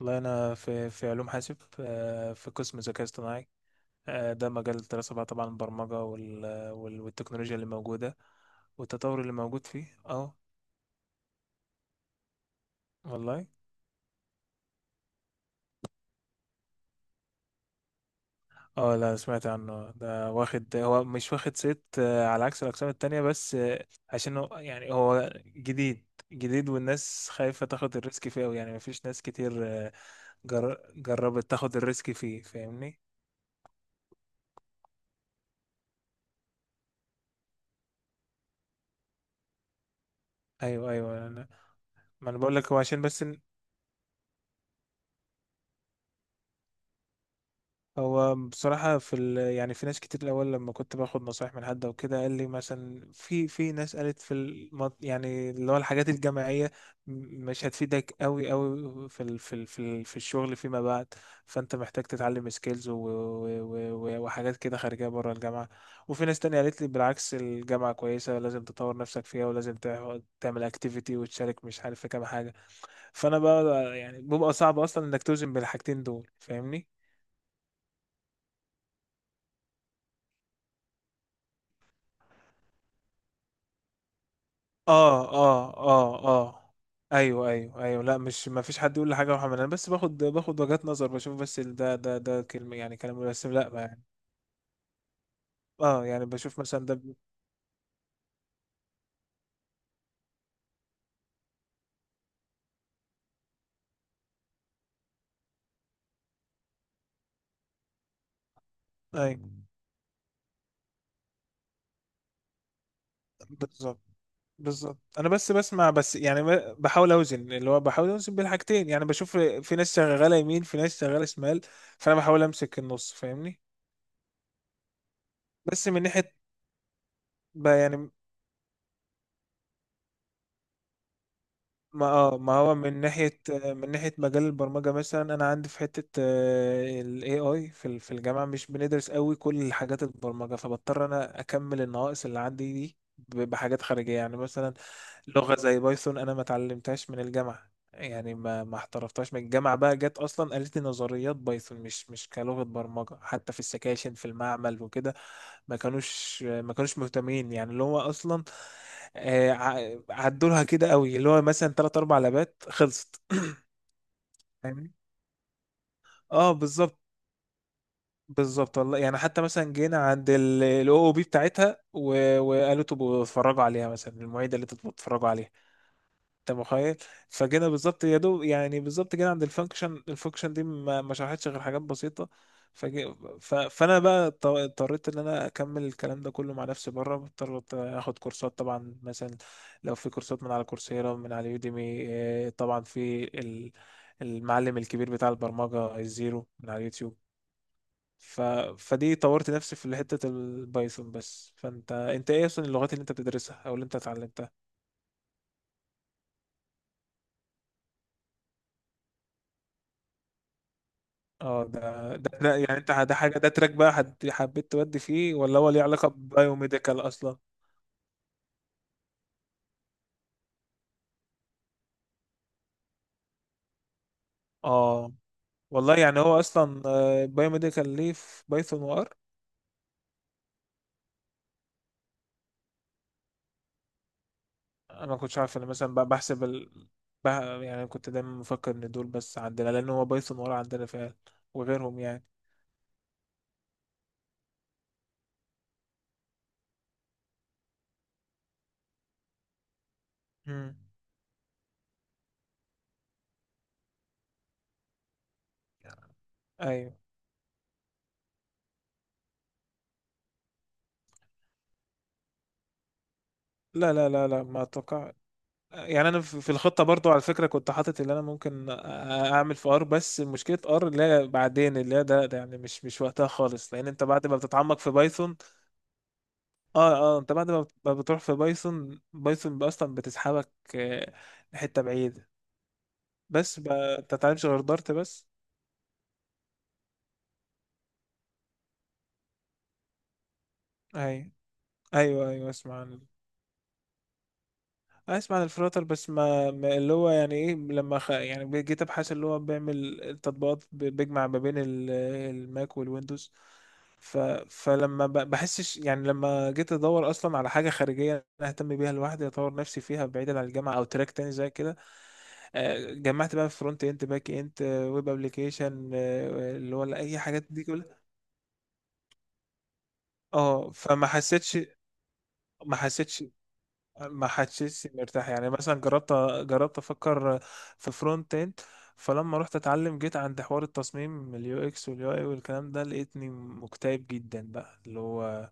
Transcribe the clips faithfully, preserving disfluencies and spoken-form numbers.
والله أنا في في علوم حاسب آه، في قسم ذكاء اصطناعي. آه، ده مجال الدراسة بقى طبعا البرمجة وال- وال- والتكنولوجيا اللي موجودة والتطور اللي موجود فيه. اه والله. اه لا سمعت عنه ده واخد، هو مش واخد صيت آه، على عكس الأقسام التانية، بس آه، عشان هو يعني هو جديد جديد، والناس خايفة تاخد الريسك فيه أوي، يعني مفيش ناس كتير، آه، جر- جربت تاخد الريسك فيه، فاهمني؟ ايوه ايوه. انا، ما انا بقول لك هو عشان بس. هو بصراحة في ال... يعني في ناس كتير الأول لما كنت باخد نصايح من حد أو كده قال لي مثلا، في في ناس قالت، في الم... يعني اللي هو الحاجات الجماعية م- مش هتفيدك أوي أوي في ال... في ال... في, ال... في الشغل فيما بعد، فأنت محتاج تتعلم سكيلز و... و... و... و- وحاجات كده خارجية بره الجامعة. وفي ناس تانية قالت لي بالعكس، الجامعة كويسة، لازم تطور نفسك فيها، ولازم تع- تعمل أكتيفيتي وتشارك، مش عارف، في كام حاجة. فأنا بقى يعني بيبقى صعب أصلا إنك توزن بين الحاجتين دول، فاهمني؟ اه اه اه اه. ايوه ايوه ايوه لا، مش ما فيش حد يقول لي حاجه يا محمد، انا بس باخد باخد وجهات نظر، بشوف بس، ال- ده ده ده كلمه يعني كلام مرسم لا ما يعني. اه يعني بشوف مثلا ده بي- اي بالظبط بالظبط. انا بس بسمع بس، يعني ب- بحاول اوزن اللي هو بحاول اوزن بين الحاجتين، يعني بشوف في ناس شغاله يمين، في ناس شغاله شمال، فانا بحاول امسك النص، فاهمني؟ بس من ناحيه، ب- يعني ما اه ما هو من ناحية، من ناحية مجال البرمجة مثلا، أنا عندي في حتة، آه، ال إيه آي في ال- في الجامعة مش بندرس قوي كل حاجات البرمجة، فبضطر أنا أكمل النواقص اللي عندي دي ب- بحاجات خارجية، يعني مثلا لغة زي بايثون، أنا ما اتعلمتهاش من الجامعة، يعني ما ما احترفتهاش من الجامعة، بقى جت أصلا قالت لي نظريات بايثون، مش مش كلغة برمجة، حتى في السكاشن في المعمل وكده ما كانوش ما كانوش مهتمين. يعني اللي هو اصلا آه، ع- عدولها كده قوي، اللي هو مثلا تلات اربع لبات خلصت. فاهمني؟ اه بالظبط بالظبط. والله يعني حتى مثلا جينا عند الاو او بي بتاعتها و- وقالوا تبقوا اتفرجوا عليها، مثلا المعيده اللي تبقوا اتفرجوا عليها، انت متخيل؟ فجينا بالظبط يا دوب، يعني بالظبط جينا عند الفانكشن، الفانكشن دي ما ما شرحتش غير حاجات بسيطه. فجي ف... فانا بقى اضط- اضطريت ان انا اكمل الكلام ده كله مع نفسي بره، اضطريت اخد كورسات طبعا، مثلا لو في كورسات من على كورسيرا، من على يوديمي، آه، طبعا في ال- المعلم الكبير بتاع البرمجه الزيرو من على اليوتيوب. ف... فدي طورت نفسي في حته البايثون بس. فانت انت ايه اصلا اللغات اللي انت بتدرسها او اللي انت اتعلمتها؟ اه ده ده ده- يعني انت ده حاجه، ده تراك بقى حد- حبيت تودي فيه، ولا هو ليه علاقه ببايوميديكال اصلا؟ اه والله، يعني هو اصلا، آه، بايوميديكال ليه في بايثون وار. انا ما كنتش عارف، انا مثلا ب- بحسب ال... بح... يعني كنت دايما مفكر ان دول بس عندنا، لان هو بايثون وار عندنا فعلا، وغيرهم يعني. امم ايوه. لا لا لا لا ما اتوقع. يعني انا في في الخطه برضو على فكره كنت حاطط، اللي انا ممكن أ- اعمل في ار، بس مشكله ار اللي هي بعدين، اللي هي ده, ده يعني مش مش وقتها خالص، لان انت بعد ما بتتعمق في بايثون. اه اه انت بعد ما بت- ما بتروح في بايثون، بايثون اصلا بتسحبك، آه، لحته بعيده. بس ب- انت ما بتتعلمش غير دارت بس. ايوه ايوه ايوه اسمع عنه. اسمع عن الفلاتر بس، ما, ما اللي هو يعني ايه، لما خ... يعني جيت ابحث، اللي هو بيعمل التطبيقات، ب- بيجمع ما بين ال- الماك والويندوز. ف... فلما ب... بحسش، يعني لما جيت ادور اصلا على حاجه خارجيه انا اهتم بيها لوحدي، اطور نفسي فيها بعيدا عن الجامعه، او تراك تاني زي كده، آه، جمعت بقى فرونت اند، باك اند، ويب ابلكيشن، اللي هو اي حاجات دي كلها. اه فما حسيتش، ما حسيتش ما حسيتش مرتاح. يعني مثلا جربت، جربت افكر في فرونت اند، فلما رحت اتعلم جيت عند حوار التصميم اليو اكس واليو اي والكلام ده، لقيتني مكتئب جدا بقى، اللي هو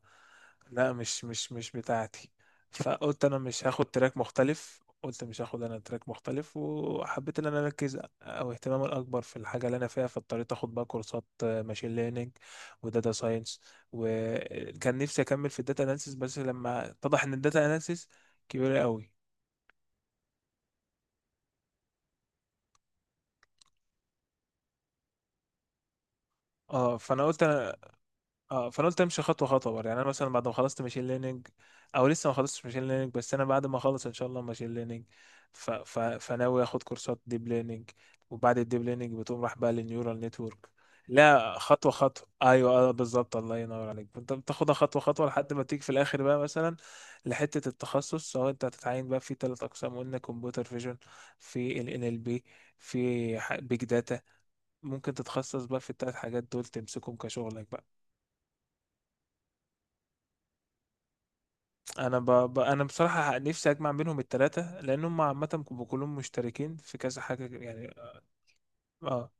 لا، مش مش مش بتاعتي، فقلت انا مش هاخد تراك مختلف، قلت مش هاخد انا تراك مختلف، وحبيت ان انا اركز، او اهتمامي الاكبر في الحاجه اللي انا فيها، فاضطريت اخد بقى كورسات ماشين ليرنينج وداتا ساينس. وكان نفسي اكمل في الداتا اناليسيس، بس لما اتضح ان الداتا اناليسيس كبيرة قوي، اه فانا قلت انا، اه فانا قلت امشي خطوه خطوه بقى. يعني انا مثلا بعد ما خلصت ماشين ليرنينج، او لسه ما خلصتش ماشين ليرنينج، بس انا بعد ما اخلص ان شاء الله ماشين ليرنينج، ف... ف... فناوي اخد كورسات ديب ليرنينج، وبعد الديب ليرنينج بتقوم راح بقى للنيورال نتورك. لا خطوه خطوه، ايوه اه بالظبط، الله ينور عليك، انت بتاخدها خطوه خطوه لحد ما تيجي في الاخر بقى، مثلا لحته التخصص، سواء انت هتتعين بقى في ثلاث اقسام قلنا، كمبيوتر فيجن، في ال ان ال بي، في بيج داتا، ممكن تتخصص بقى في التلات حاجات دول، تمسكهم كشغلك بقى. انا ب... ب... انا بصراحة نفسي اجمع بينهم التلاتة، لان هم عامة بيبقوا كلهم مشتركين في كذا حاجة يعني. اه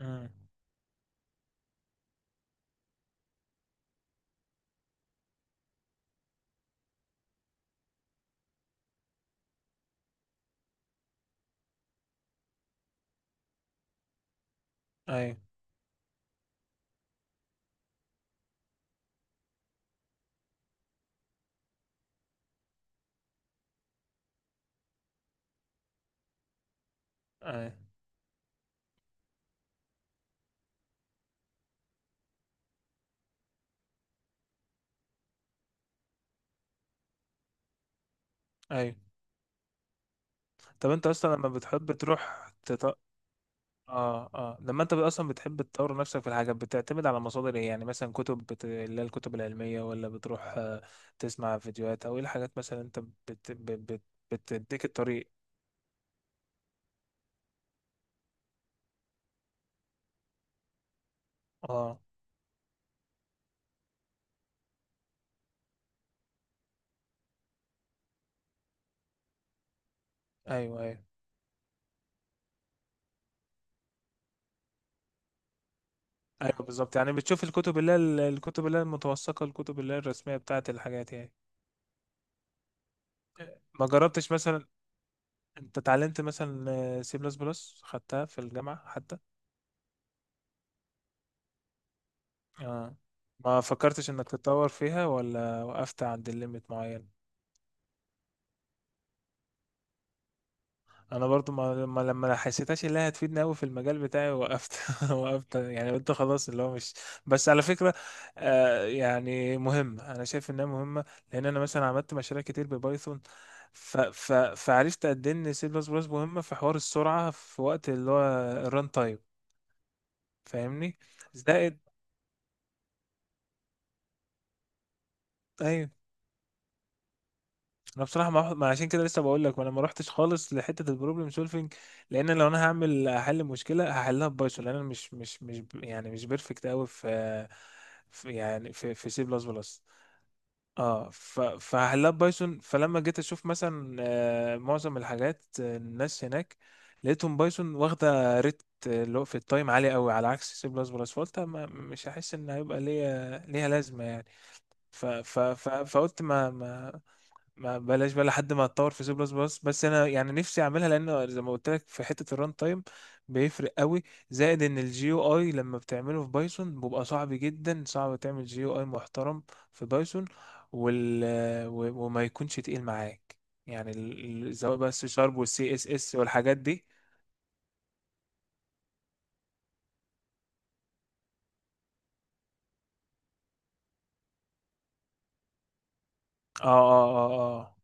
امم ايوه ايوه ايوه. طب انت اصلا لما بتحب تروح تط... اه اه لما انت اصلا بتحب تطور نفسك في الحاجة، بتعتمد على مصادر ايه؟ يعني مثلا كتب، بت... اللي هي الكتب العلمية، ولا بتروح آه، تسمع فيديوهات، او ايه الحاجات مثلا انت بت... بت... بت... بتديك الطريق. اه ايوه ايوه ايوه بالظبط، يعني بتشوف الكتب اللي هي ال- الكتب اللي هي المتوثقه، الكتب اللي هي الرسميه بتاعت الحاجات يعني. ما جربتش مثلا، انت اتعلمت مثلا سي بلس بلس، خدتها في الجامعه حتى؟ اه ما فكرتش انك تتطور فيها ولا وقفت عند الليميت معين؟ انا برضو ما ما- لما ما حسيتهاش اللي هي هتفيدني قوي في المجال بتاعي، وقفت وقفت، يعني قلت خلاص اللي هو مش، بس على فكره آه يعني مهمه، انا شايف انها مهمه، لان انا مثلا عملت مشاريع كتير ببايثون، ف ف فعرفت قد ايه ان سي بلس بلس مهمه في حوار السرعه، في وقت اللي هو الران تايم. فاهمني؟ زائد، ايوه. انا بصراحه ما ما عشان كده لسه بقول لك، ما انا ما روحتش خالص لحته البروبلم سولفنج، لان لو انا هعمل احل مشكله هحلها ببايثون، لان انا مش مش مش ب- يعني مش بيرفكت قوي في، في يعني في في سي بلس بلس. اه ف- فهحلها ببايثون. فلما جيت اشوف مثلا، آه، معظم الحاجات، آه، الناس هناك لقيتهم بايثون واخده ريت، آه، اللي هو في التايم عالي قوي، على عكس سي بلس بلس، فقلت ما- مش هحس ان هيبقى ليا ليها لازمه يعني. ف ف ف فقلت ما ما ما بلاش بقى لحد ما اتطور في سي بلس بلس. بس انا يعني نفسي اعملها، لان زي ما قلت لك في حته الران تايم بيفرق قوي. زائد ان الجي او اي لما بتعمله في بايثون بيبقى صعب جدا، صعب تعمل جي او اي محترم في بايثون، وال و- وما يكونش تقيل معاك، يعني ال- ال- سواء بقى السي شارب والسي اس اس والحاجات دي. اه اه اه اه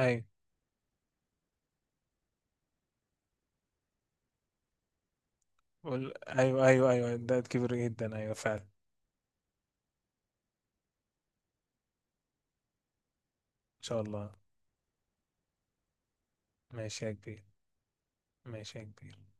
ايوه. وال- ايوه ايوه ايوه ده كبير جدا، ايوه فعلا. ان شاء الله. ماشي يا كبير. ماشي يا كبير.